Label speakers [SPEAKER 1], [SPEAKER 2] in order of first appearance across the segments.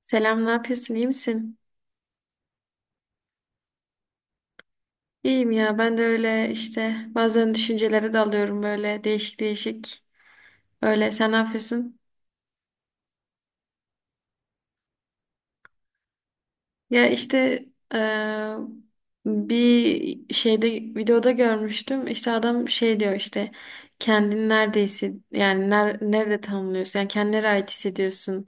[SPEAKER 1] Selam, ne yapıyorsun? İyi misin? İyiyim ya, ben de öyle işte bazen düşüncelere dalıyorum böyle değişik değişik. Öyle sen ne yapıyorsun? Ya işte eee, bir şeyde videoda görmüştüm. İşte adam şey diyor işte kendini nerede yani nerede tanımlıyorsun? Yani kendine nereye ait hissediyorsun?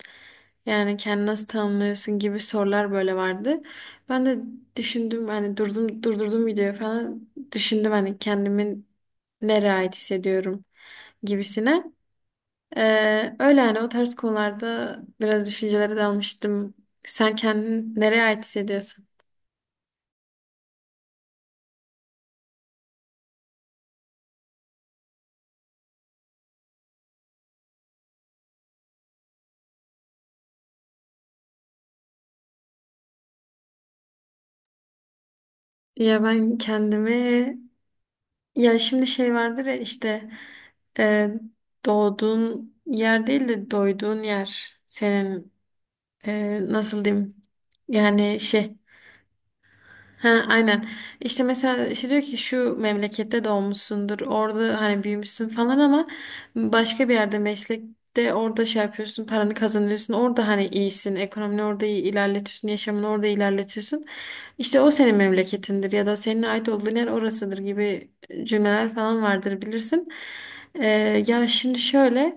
[SPEAKER 1] Yani kendini nasıl tanımlıyorsun gibi sorular böyle vardı. Ben de düşündüm hani durdurdum videoyu falan düşündüm hani kendimi nereye ait hissediyorum gibisine. Öyle yani o tarz konularda biraz düşüncelere dalmıştım. Sen kendini nereye ait hissediyorsun? Ya ben kendimi ya şimdi şey vardır ya işte e, doğduğun yer değil de doyduğun yer senin, nasıl diyeyim yani şey. Ha, aynen. İşte mesela işte diyor ki şu memlekette doğmuşsundur, orada hani büyümüşsün falan ama başka bir yerde meslekte orada şey yapıyorsun, paranı kazanıyorsun, orada hani iyisin, ekonomini orada iyi ilerletiyorsun, yaşamını orada ilerletiyorsun. İşte o senin memleketindir ya da senin ait olduğun yer orasıdır gibi cümleler falan vardır bilirsin. Ya şimdi şöyle,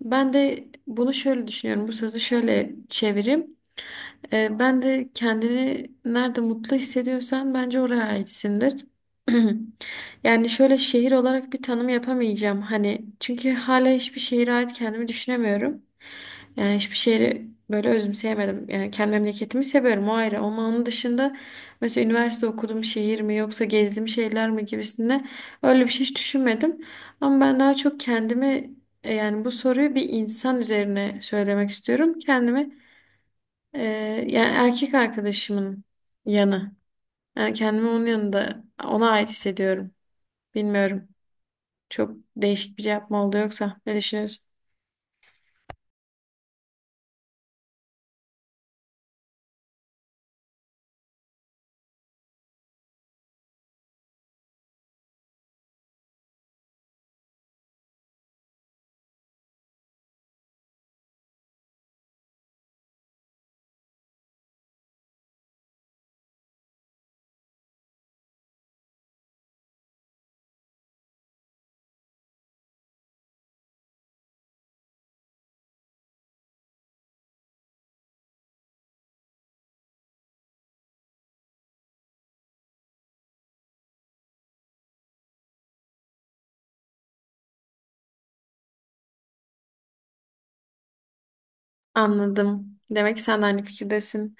[SPEAKER 1] ben de bunu şöyle düşünüyorum, bu sözü şöyle çevireyim. Ben de kendini nerede mutlu hissediyorsan bence oraya aitsindir. Yani şöyle şehir olarak bir tanım yapamayacağım. Hani çünkü hala hiçbir şehire ait kendimi düşünemiyorum. Yani hiçbir şehri böyle özümseyemedim. Yani kendi memleketimi seviyorum, o ayrı. Ama onun dışında mesela üniversite okuduğum şehir mi yoksa gezdiğim şeyler mi gibisinde öyle bir şey hiç düşünmedim. Ama ben daha çok kendimi, yani bu soruyu bir insan üzerine söylemek istiyorum. Kendimi yani erkek arkadaşımın yanı. Yani kendimi onun yanında ona ait hissediyorum. Bilmiyorum. Çok değişik bir cevap mı oldu yoksa? Ne düşünüyorsun? Anladım. Demek ki sen de aynı fikirdesin.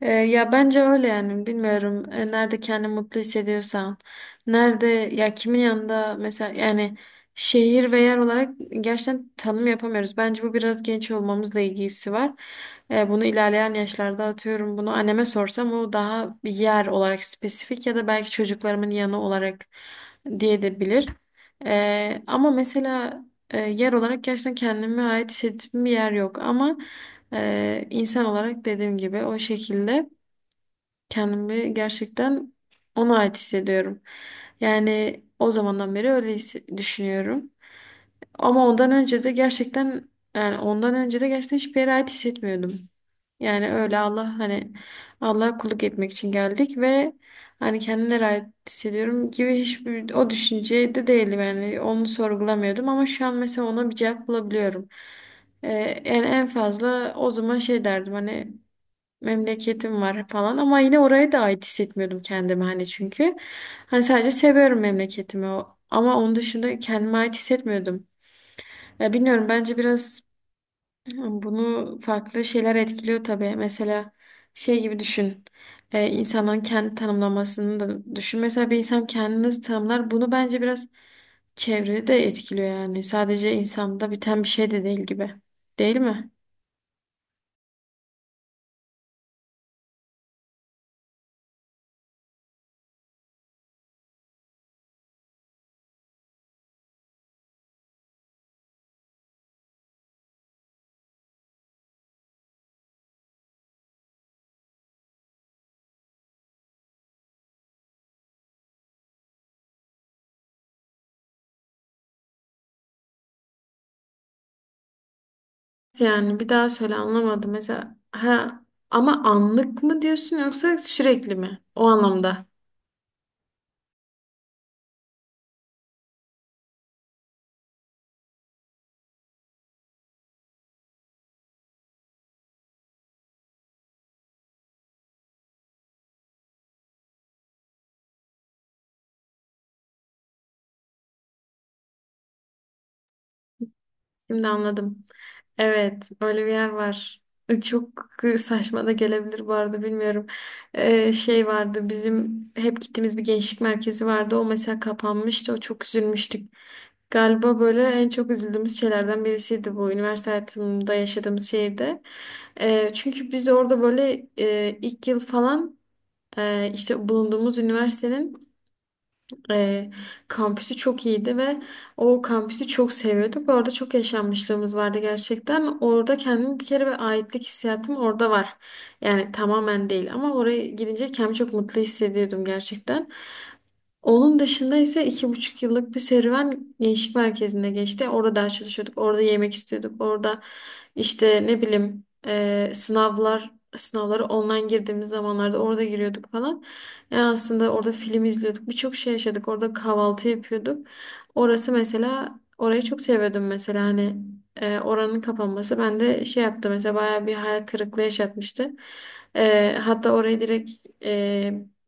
[SPEAKER 1] Ya bence öyle yani bilmiyorum. Nerede kendini mutlu hissediyorsan, nerede ya kimin yanında mesela yani şehir ve yer olarak gerçekten tanım yapamıyoruz. Bence bu biraz genç olmamızla ilgisi var. Bunu ilerleyen yaşlarda atıyorum. Bunu anneme sorsam o daha bir yer olarak spesifik ya da belki çocuklarımın yanı olarak diye de bilir. Ama mesela yer olarak gerçekten kendime ait hissettiğim bir yer yok. Ama insan olarak dediğim gibi o şekilde kendimi gerçekten ona ait hissediyorum. Yani o zamandan beri öyle düşünüyorum. Ama ondan önce de gerçekten, yani ondan önce de gerçekten hiçbir yere ait hissetmiyordum. Yani öyle Allah hani Allah'a kulluk etmek için geldik ve hani kendine ait hissediyorum gibi hiçbir o düşüncede değilim, yani onu sorgulamıyordum ama şu an mesela ona bir cevap bulabiliyorum. Ee, Yani en fazla o zaman şey derdim, hani memleketim var falan ama yine oraya da ait hissetmiyordum kendimi hani çünkü hani sadece seviyorum memleketimi, ama onun dışında kendime ait hissetmiyordum. Ya bilmiyorum, bence biraz bunu farklı şeyler etkiliyor tabii. Mesela şey gibi düşün. İnsanların kendi tanımlamasını da düşün. Mesela bir insan kendini nasıl tanımlar? Bunu bence biraz çevrede de etkiliyor yani. Sadece insanda biten bir şey de değil gibi. Değil mi? Yani bir daha söyle, anlamadım. Mesela ha, ama anlık mı diyorsun yoksa sürekli mi? O anlamda. Şimdi anladım. Evet, öyle bir yer var. Çok saçma da gelebilir bu arada, bilmiyorum. Şey vardı, bizim hep gittiğimiz bir gençlik merkezi vardı. O mesela kapanmıştı. O çok üzülmüştük. Galiba böyle en çok üzüldüğümüz şeylerden birisiydi bu, üniversite hayatımda yaşadığımız şehirde. Çünkü biz orada böyle ilk yıl falan işte bulunduğumuz üniversitenin e, kampüsü çok iyiydi ve o kampüsü çok seviyorduk. Orada çok yaşanmışlığımız vardı gerçekten. Orada kendimi bir kere, bir aitlik hissiyatım orada var. Yani tamamen değil ama oraya gidince kendimi çok mutlu hissediyordum gerçekten. Onun dışında ise 2,5 yıllık bir serüven gençlik merkezinde geçti. Orada ders çalışıyorduk, orada yemek istiyorduk, orada işte ne bileyim sınavları online girdiğimiz zamanlarda orada giriyorduk falan. Yani aslında orada film izliyorduk, birçok şey yaşadık. Orada kahvaltı yapıyorduk. Orası mesela, orayı çok seviyordum mesela hani oranın kapanması bende şey yaptı mesela, bayağı bir hayal kırıklığı yaşatmıştı. Hatta orayı direkt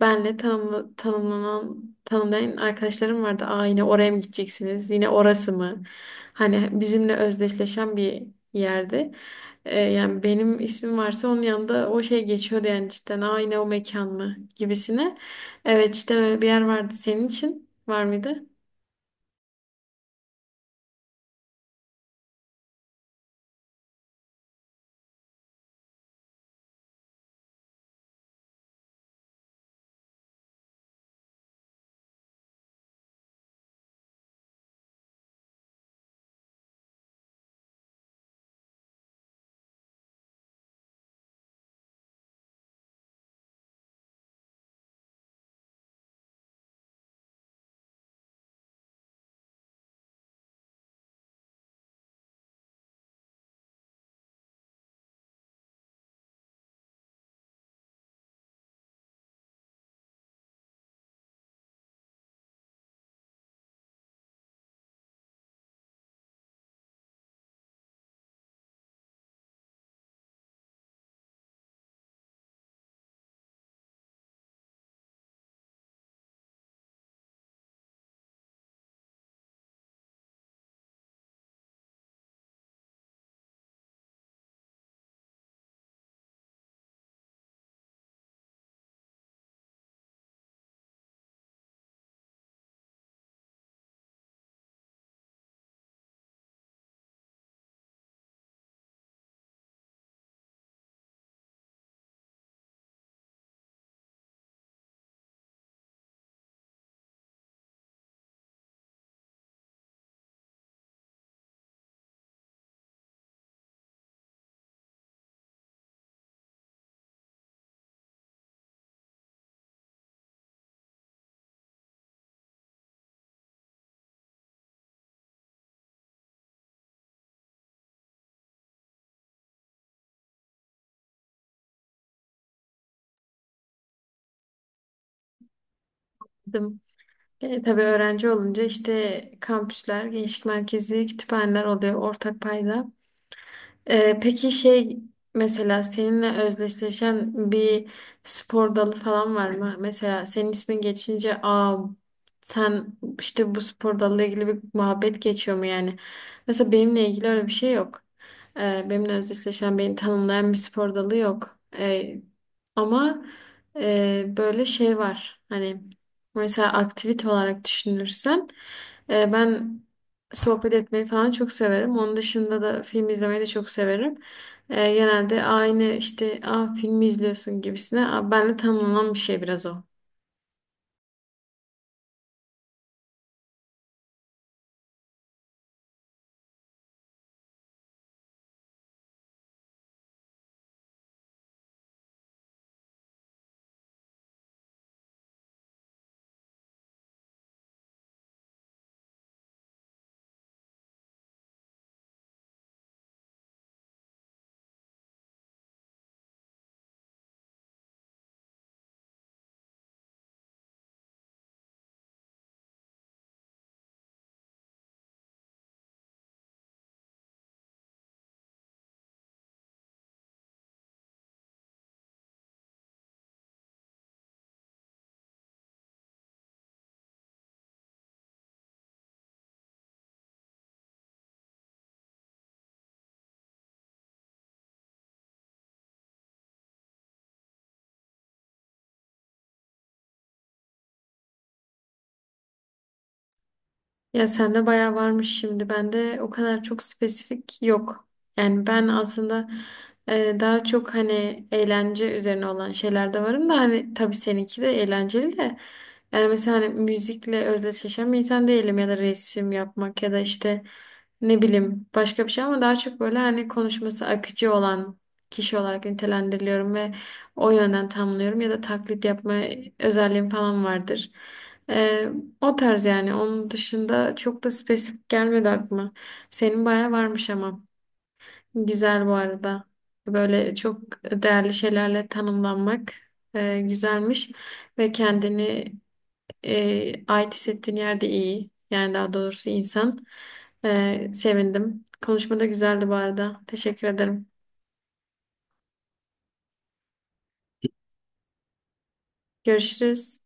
[SPEAKER 1] benle tanımlanan, tanımlayan arkadaşlarım vardı. Aa, yine oraya mı gideceksiniz? Yine orası mı? Hani bizimle özdeşleşen bir yerdi. Yani benim ismim varsa onun yanında o şey geçiyordu yani, cidden. Aa, yine o mekan mı? Gibisine. Evet, işte böyle bir yer vardı. Senin için var mıydı? Bizim- tabii öğrenci olunca işte kampüsler, gençlik merkezi, kütüphaneler oluyor ortak payda. Peki şey, mesela seninle özdeşleşen bir spor dalı falan var mı? Mesela senin ismin geçince aa, sen işte bu spor dalıyla ilgili bir muhabbet geçiyor mu yani? Mesela benimle ilgili öyle bir şey yok. Benimle özdeşleşen, beni tanımlayan bir spor dalı yok. Ama böyle şey var. Hani mesela aktivite olarak düşünürsen ben sohbet etmeyi falan çok severim. Onun dışında da film izlemeyi de çok severim. Genelde aynı işte, aa, filmi izliyorsun gibisine. Aa, ben de, tamamlanan bir şey biraz o. Ya sende bayağı varmış şimdi. Bende o kadar çok spesifik yok. Yani ben aslında daha çok hani eğlence üzerine olan şeylerde varım da, hani tabii seninki de eğlenceli de. Yani mesela hani müzikle özdeşleşen bir insan değilim, ya da resim yapmak ya da işte ne bileyim başka bir şey, ama daha çok böyle hani konuşması akıcı olan kişi olarak nitelendiriliyorum ve o yönden tamlıyorum ya da taklit yapma özelliğim falan vardır. E, O tarz yani. Onun dışında çok da spesifik gelmedi aklıma. Senin bayağı varmış ama. Güzel bu arada. Böyle çok değerli şeylerle tanımlanmak güzelmiş. Ve kendini ait hissettiğin yerde iyi. Yani daha doğrusu insan. Sevindim. Konuşma da güzeldi bu arada. Teşekkür ederim. Görüşürüz.